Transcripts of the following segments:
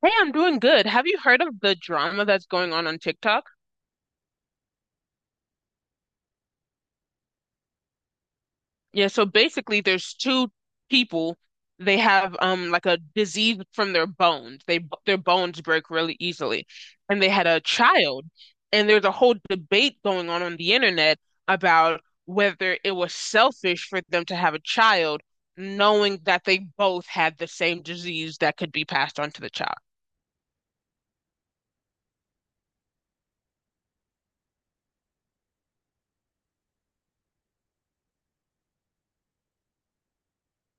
Hey, I'm doing good. Have you heard of the drama that's going on TikTok? Yeah, so basically there's two people. They have like a disease from their bones. They Their bones break really easily. And they had a child. And there's a whole debate going on the internet about whether it was selfish for them to have a child, knowing that they both had the same disease that could be passed on to the child.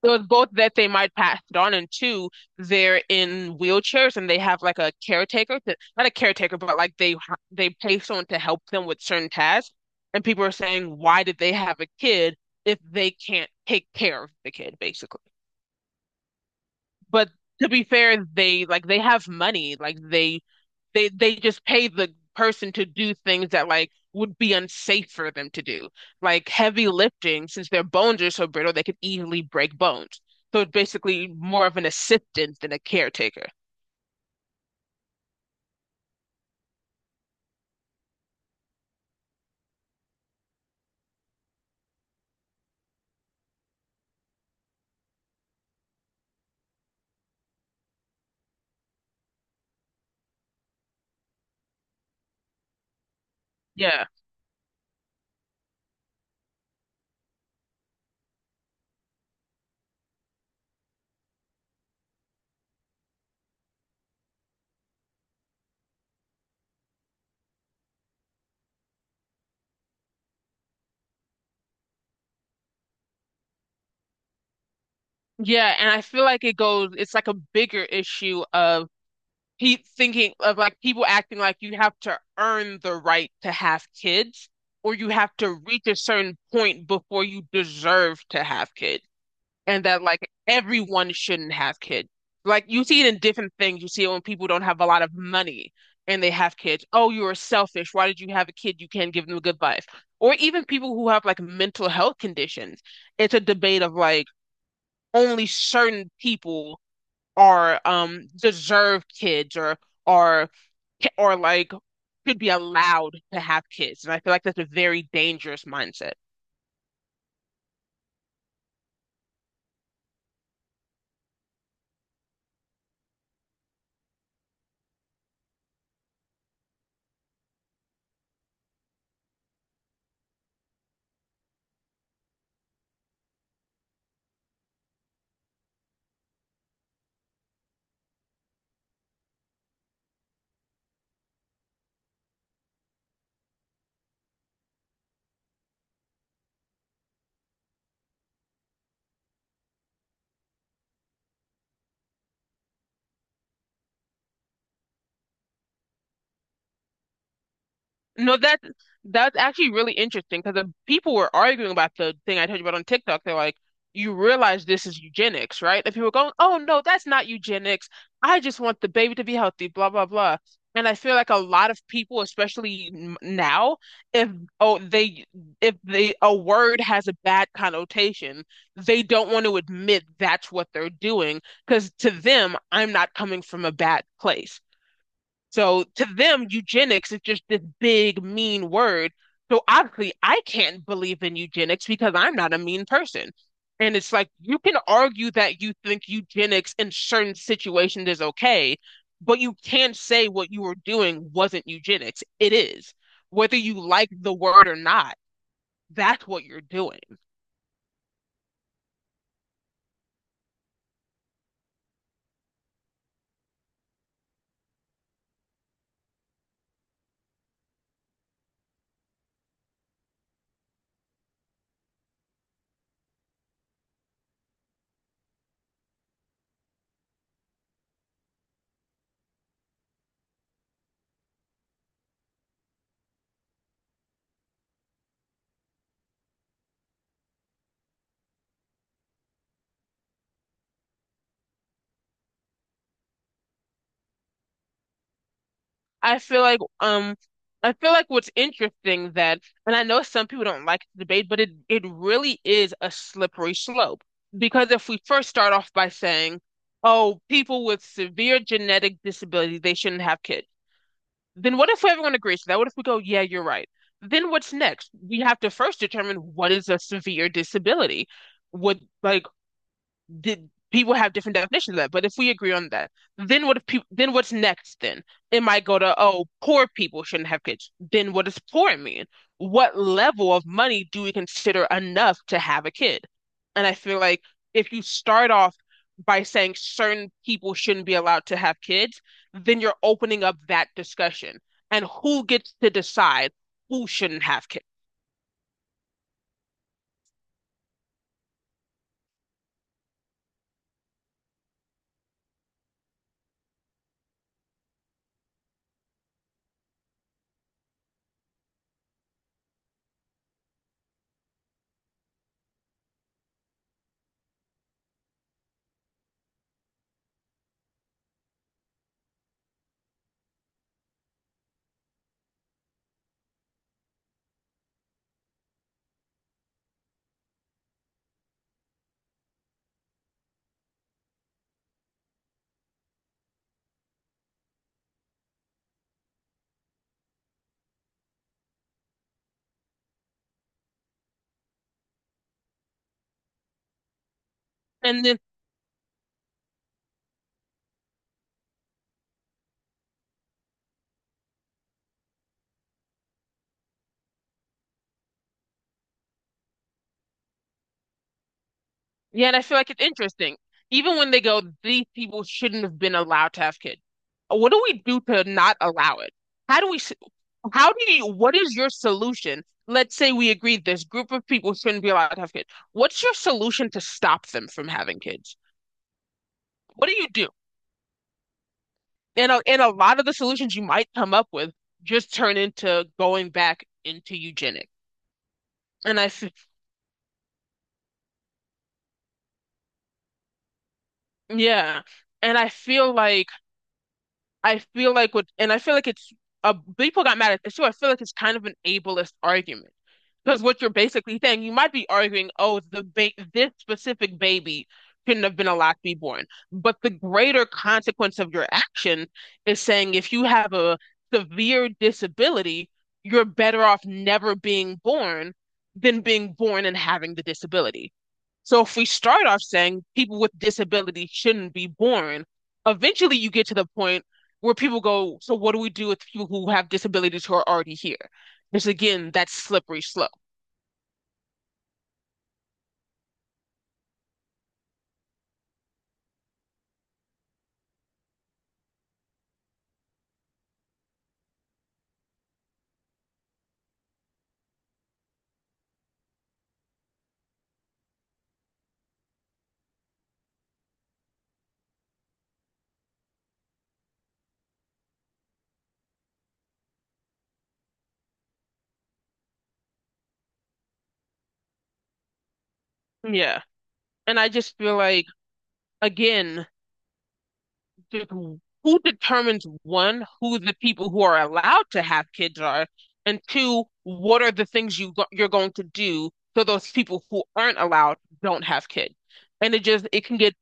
So it's both that they might pass it on, and two, they're in wheelchairs and they have like a caretaker to, not a caretaker, but like they pay someone to help them with certain tasks. And people are saying, why did they have a kid if they can't take care of the kid, basically? But to be fair, they have money. Like they just pay the person to do things that like would be unsafe for them to do. Like heavy lifting, since their bones are so brittle, they could easily break bones. So it's basically more of an assistant than a caretaker. Yeah. Yeah, and I feel like it goes, it's like a bigger issue of pe thinking of like people acting like you have to earn the right to have kids, or you have to reach a certain point before you deserve to have kids, and that like everyone shouldn't have kids. Like you see it in different things. You see it when people don't have a lot of money and they have kids. Oh, you are selfish. Why did you have a kid? You can't give them a good life. Or even people who have like mental health conditions. It's a debate of like only certain people are deserved kids, or are, or like should be allowed to have kids. And I feel like that's a very dangerous mindset. No, that's actually really interesting because the people were arguing about the thing I told you about on TikTok. They're like, you realize this is eugenics, right? And people were going, oh no, that's not eugenics. I just want the baby to be healthy, blah blah blah. And I feel like a lot of people, especially now, if oh they if they a word has a bad connotation, they don't want to admit that's what they're doing because to them, I'm not coming from a bad place. So to them, eugenics is just this big, mean word. So obviously, I can't believe in eugenics because I'm not a mean person. And it's like you can argue that you think eugenics in certain situations is okay, but you can't say what you were doing wasn't eugenics. It is. Whether you like the word or not, that's what you're doing. I feel like um I feel like what's interesting that, and I know some people don't like the debate, but it really is a slippery slope. Because if we first start off by saying, oh, people with severe genetic disabilities, they shouldn't have kids, then what if everyone agrees to that? What if we go, yeah, you're right? Then what's next? We have to first determine what is a severe disability. Would like Did people have different definitions of that? But if we agree on that, then what if people then what's next then? It might go to, oh, poor people shouldn't have kids. Then what does poor mean? What level of money do we consider enough to have a kid? And I feel like if you start off by saying certain people shouldn't be allowed to have kids, then you're opening up that discussion. And who gets to decide who shouldn't have kids? And then Yeah, and I feel like it's interesting. Even when they go, these people shouldn't have been allowed to have kids. What do we do to not allow it? How do we, s- how do you, what is your solution? Let's say we agree this group of people shouldn't be allowed to have kids. What's your solution to stop them from having kids? What do you do? And a lot of the solutions you might come up with just turn into going back into eugenics. And I, f- yeah, and I feel like what, and I feel like it's people got mad at this too. I feel like it's kind of an ableist argument because what you're basically saying, you might be arguing, oh, the ba this specific baby shouldn't have been allowed to be born, but the greater consequence of your action is saying if you have a severe disability, you're better off never being born than being born and having the disability. So if we start off saying people with disabilities shouldn't be born, eventually you get to the point where people go, so what do we do with people who have disabilities who are already here? It's again that slippery slope. Yeah. And I just feel like again, who determines one, who the people who are allowed to have kids are, and two, what are the things you're going to do so those people who aren't allowed don't have kids. And it just it can get,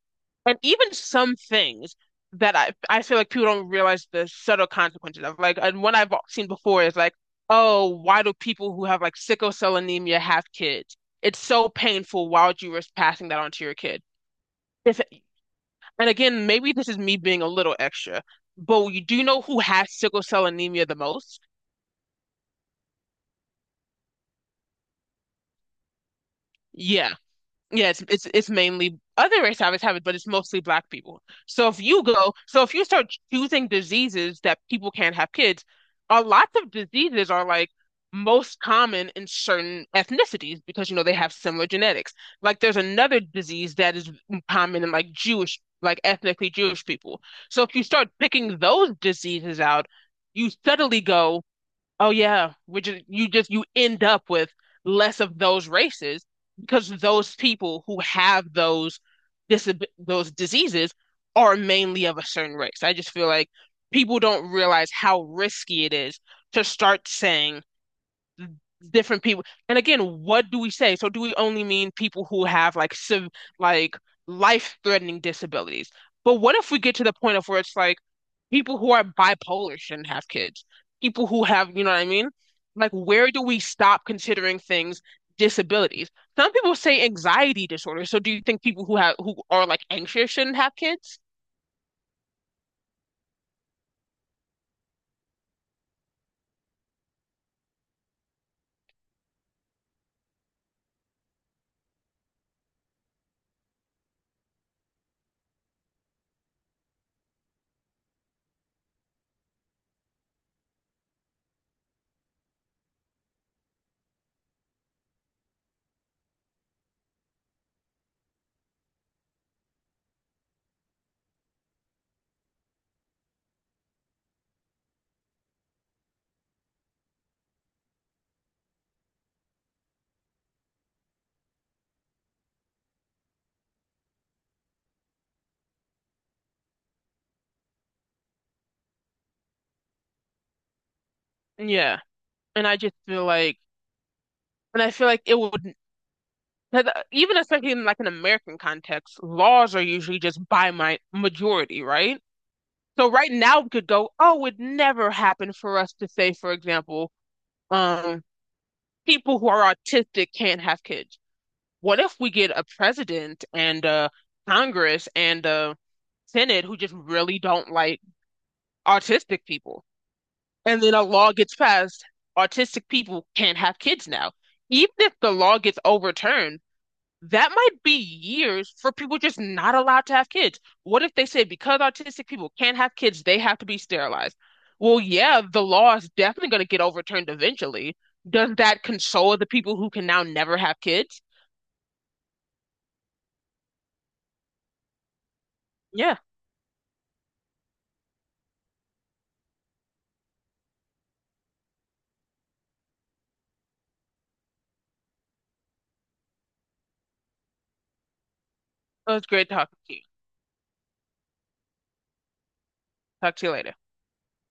and even some things that I feel like people don't realize the subtle consequences of. Like, and one I've seen before is like, oh, why do people who have like sickle cell anemia have kids? It's so painful. Why would you risk passing that on to your kid? If, And again, maybe this is me being a little extra, but you do know who has sickle cell anemia the most? Yeah, Yeah, it's mainly other race habits have it, but it's mostly black people. So if you start choosing diseases that people can't have kids, a lot of diseases are like most common in certain ethnicities because you know they have similar genetics. Like there's another disease that is common in like Jewish, like ethnically Jewish people. So if you start picking those diseases out, you suddenly go, oh yeah, which is you just you end up with less of those races because those people who have those disab those diseases are mainly of a certain race. I just feel like people don't realize how risky it is to start saying different people. And again, what do we say? So do we only mean people who have like sev like life-threatening disabilities? But what if we get to the point of where it's like people who are bipolar shouldn't have kids. People who have, you know what I mean? Like, where do we stop considering things disabilities? Some people say anxiety disorder. So do you think people who have who are like anxious shouldn't have kids? Yeah. And I just feel like, and I feel like it would, 'cause even especially in like an American context, laws are usually just by my majority, right? So right now we could go, oh, it would never happened for us to say, for example, um, people who are autistic can't have kids. What if we get a president and Congress and Senate who just really don't like autistic people? And then a law gets passed, autistic people can't have kids now. Even if the law gets overturned, that might be years for people just not allowed to have kids. What if they say because autistic people can't have kids, they have to be sterilized? Well, yeah, the law is definitely going to get overturned eventually. Does that console the people who can now never have kids? Yeah, it was great talking to you. Talk to you later.